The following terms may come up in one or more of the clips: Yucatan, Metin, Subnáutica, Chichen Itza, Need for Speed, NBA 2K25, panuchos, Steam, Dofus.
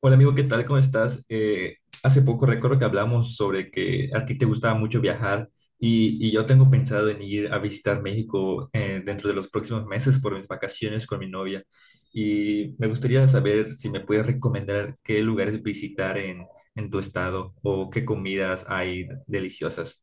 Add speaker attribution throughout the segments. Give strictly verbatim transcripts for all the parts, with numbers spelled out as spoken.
Speaker 1: Hola amigo, ¿qué tal? ¿Cómo estás? Eh, hace poco recuerdo que hablamos sobre que a ti te gustaba mucho viajar y, y yo tengo pensado en ir a visitar México, eh, dentro de los próximos meses por mis vacaciones con mi novia, y me gustaría saber si me puedes recomendar qué lugares visitar en, en tu estado o qué comidas hay deliciosas.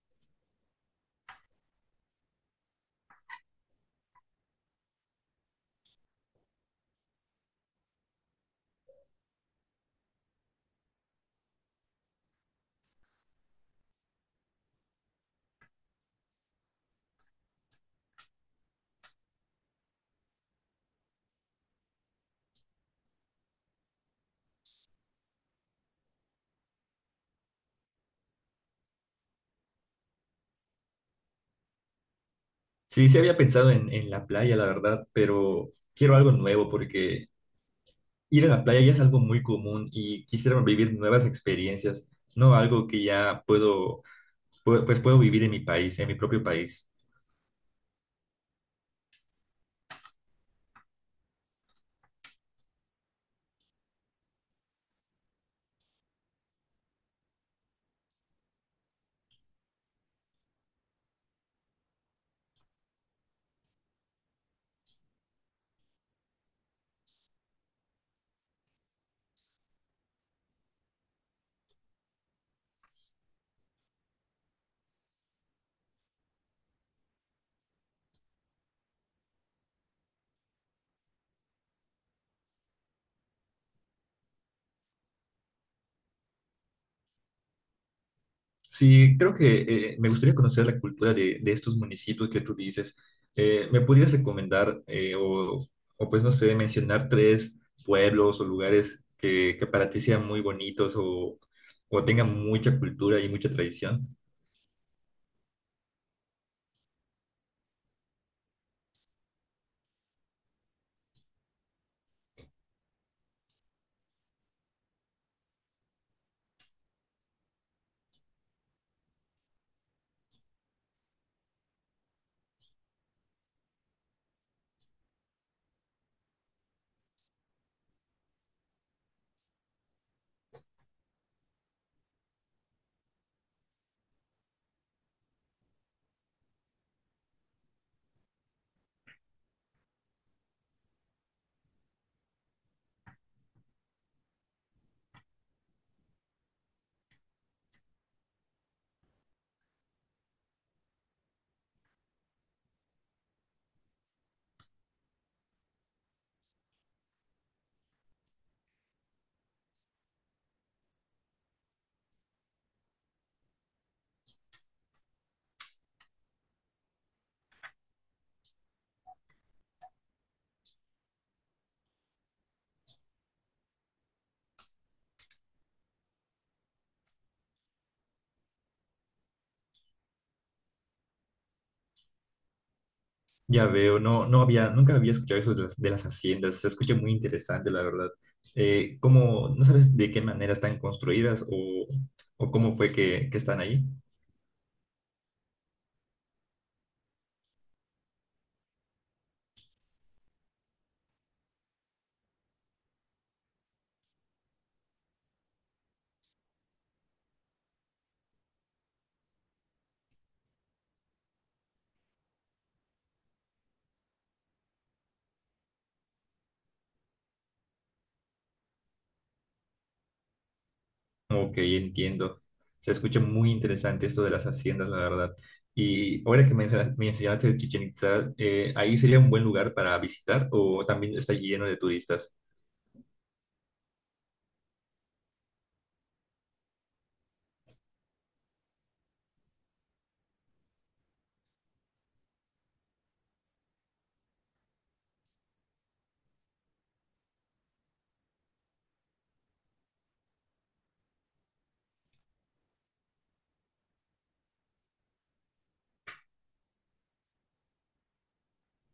Speaker 1: Sí, sí, había pensado en, en la playa, la verdad, pero quiero algo nuevo, porque ir a la playa ya es algo muy común y quisiera vivir nuevas experiencias, no algo que ya puedo, pu- pues puedo vivir en mi país, en mi propio país. Sí, creo que eh, me gustaría conocer la cultura de, de estos municipios que tú dices. Eh, ¿me podrías recomendar, eh, o, o pues no sé, mencionar tres pueblos o lugares que, que para ti sean muy bonitos, o, o tengan mucha cultura y mucha tradición? Ya veo, no, no había, nunca había escuchado eso de las, de las haciendas, se escucha muy interesante, la verdad. Eh, ¿cómo, no sabes de qué manera están construidas, o, o cómo fue que, que están ahí? Ok, entiendo. Se escucha muy interesante esto de las haciendas, la verdad. Y ahora que mencionas- mencionaste el Chichen Itzá, eh, ¿ahí sería un buen lugar para visitar o también está lleno de turistas?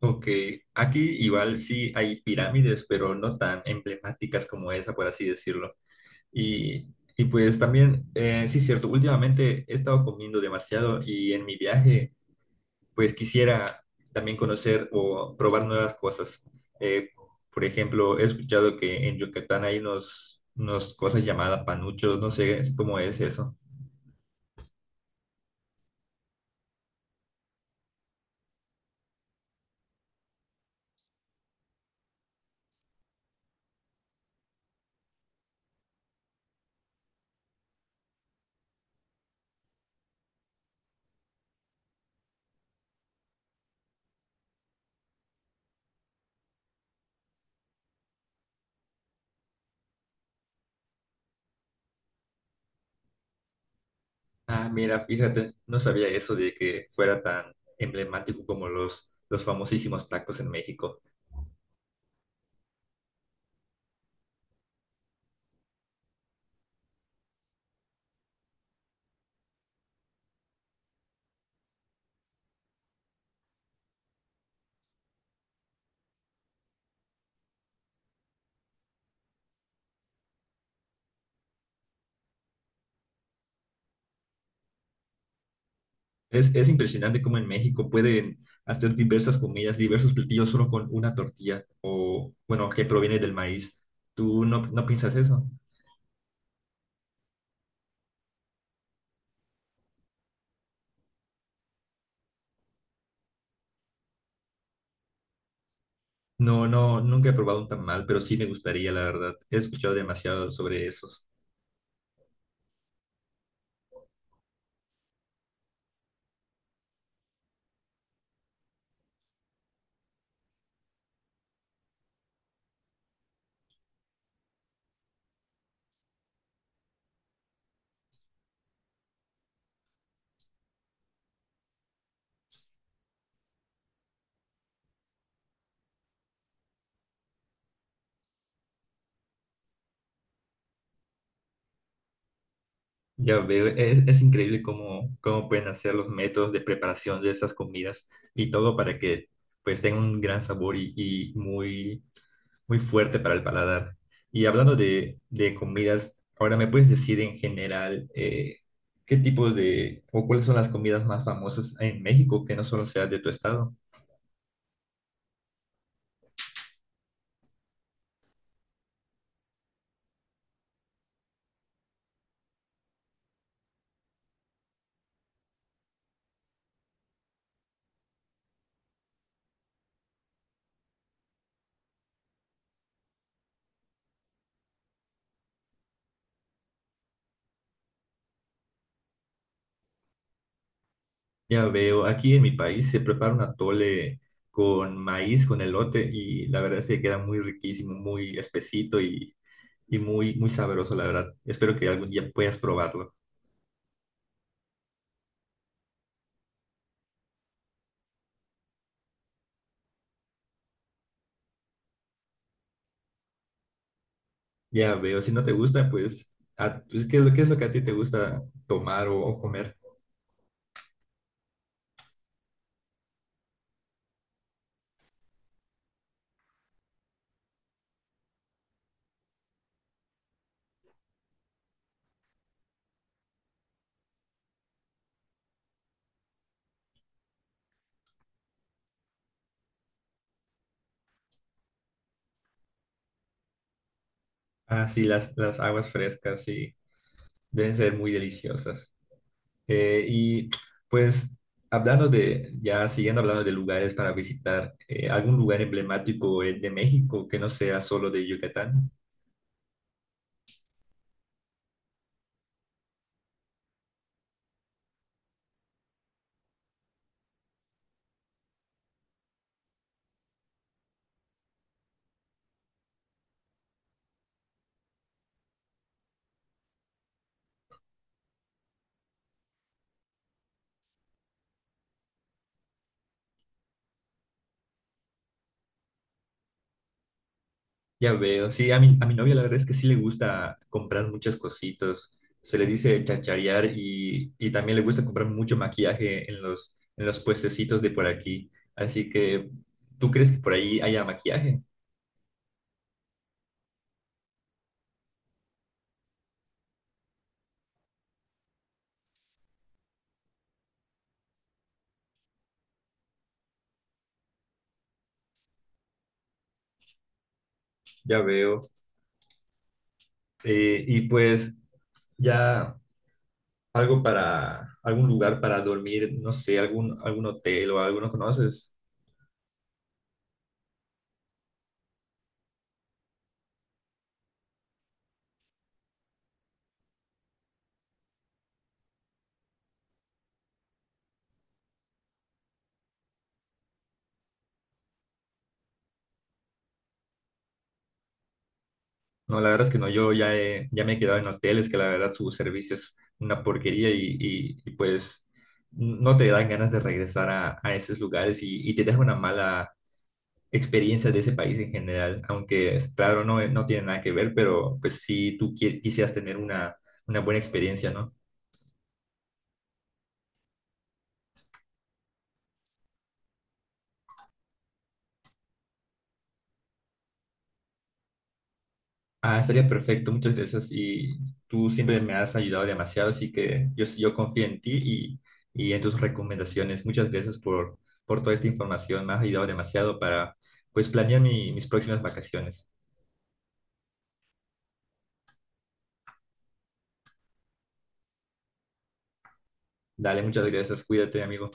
Speaker 1: Ok, aquí igual sí hay pirámides, pero no tan emblemáticas como esa, por así decirlo. Y, y pues también, eh, sí, cierto, últimamente he estado comiendo demasiado, y en mi viaje pues quisiera también conocer o probar nuevas cosas. Eh, por ejemplo, he escuchado que en Yucatán hay unos, unas cosas llamadas panuchos, no sé cómo es eso. Ah, mira, fíjate, no sabía eso de que fuera tan emblemático como los, los famosísimos tacos en México. Es, es impresionante cómo en México pueden hacer diversas comidas, diversos platillos solo con una tortilla o, bueno, que proviene del maíz. ¿Tú no, no piensas eso? No, no, nunca he probado un tamal, pero sí me gustaría, la verdad. He escuchado demasiado sobre esos. Ya veo, es, es increíble cómo, cómo pueden hacer los métodos de preparación de esas comidas, y todo para que pues tenga un gran sabor y, y muy muy, fuerte para el paladar. Y hablando de, de comidas, ahora me puedes decir en general, eh, qué tipo de, o cuáles son las comidas más famosas en México que no solo sea de tu estado. Ya veo, aquí en mi país se prepara un atole con maíz, con elote, y la verdad es que queda muy riquísimo, muy espesito y, y muy, muy sabroso, la verdad. Espero que algún día puedas probarlo. Ya veo, si no te gusta, pues, a- pues, ¿qué es lo, qué es lo que a ti te gusta tomar o o comer? Ah, sí, las, las aguas frescas, sí, deben ser muy deliciosas. Eh, y pues hablando de, ya siguiendo hablando de lugares para visitar, eh, algún lugar emblemático, eh, de México, que no sea solo de Yucatán. Ya veo, sí, a mi, a mi novia la verdad es que sí le gusta comprar muchas cositas, se le dice chacharear, y, y también le gusta comprar mucho maquillaje en los, en los puestecitos de por aquí. Así que, ¿tú crees que por ahí haya maquillaje? Ya veo. Eh, y pues... Ya algo para, algún lugar para dormir, no sé, algún, algún hotel o alguno conoces. No, la verdad es que no, yo ya, he- ya me he quedado en hoteles que la verdad su servicio es una porquería, y, y- y, pues no te dan ganas de regresar a, a esos lugares, y, y te deja una mala experiencia de ese país en general, aunque es claro, no, no tiene nada que ver, pero pues si tú qui- quisieras tener una, una buena experiencia, ¿no? Ah, estaría perfecto, muchas gracias. Y tú siempre me has ayudado demasiado, así que yo, yo confío en ti, y, y en tus recomendaciones. Muchas gracias por, por toda esta información, me has ayudado demasiado para pues planear mi- mis próximas vacaciones. Dale, muchas gracias, cuídate, amigo.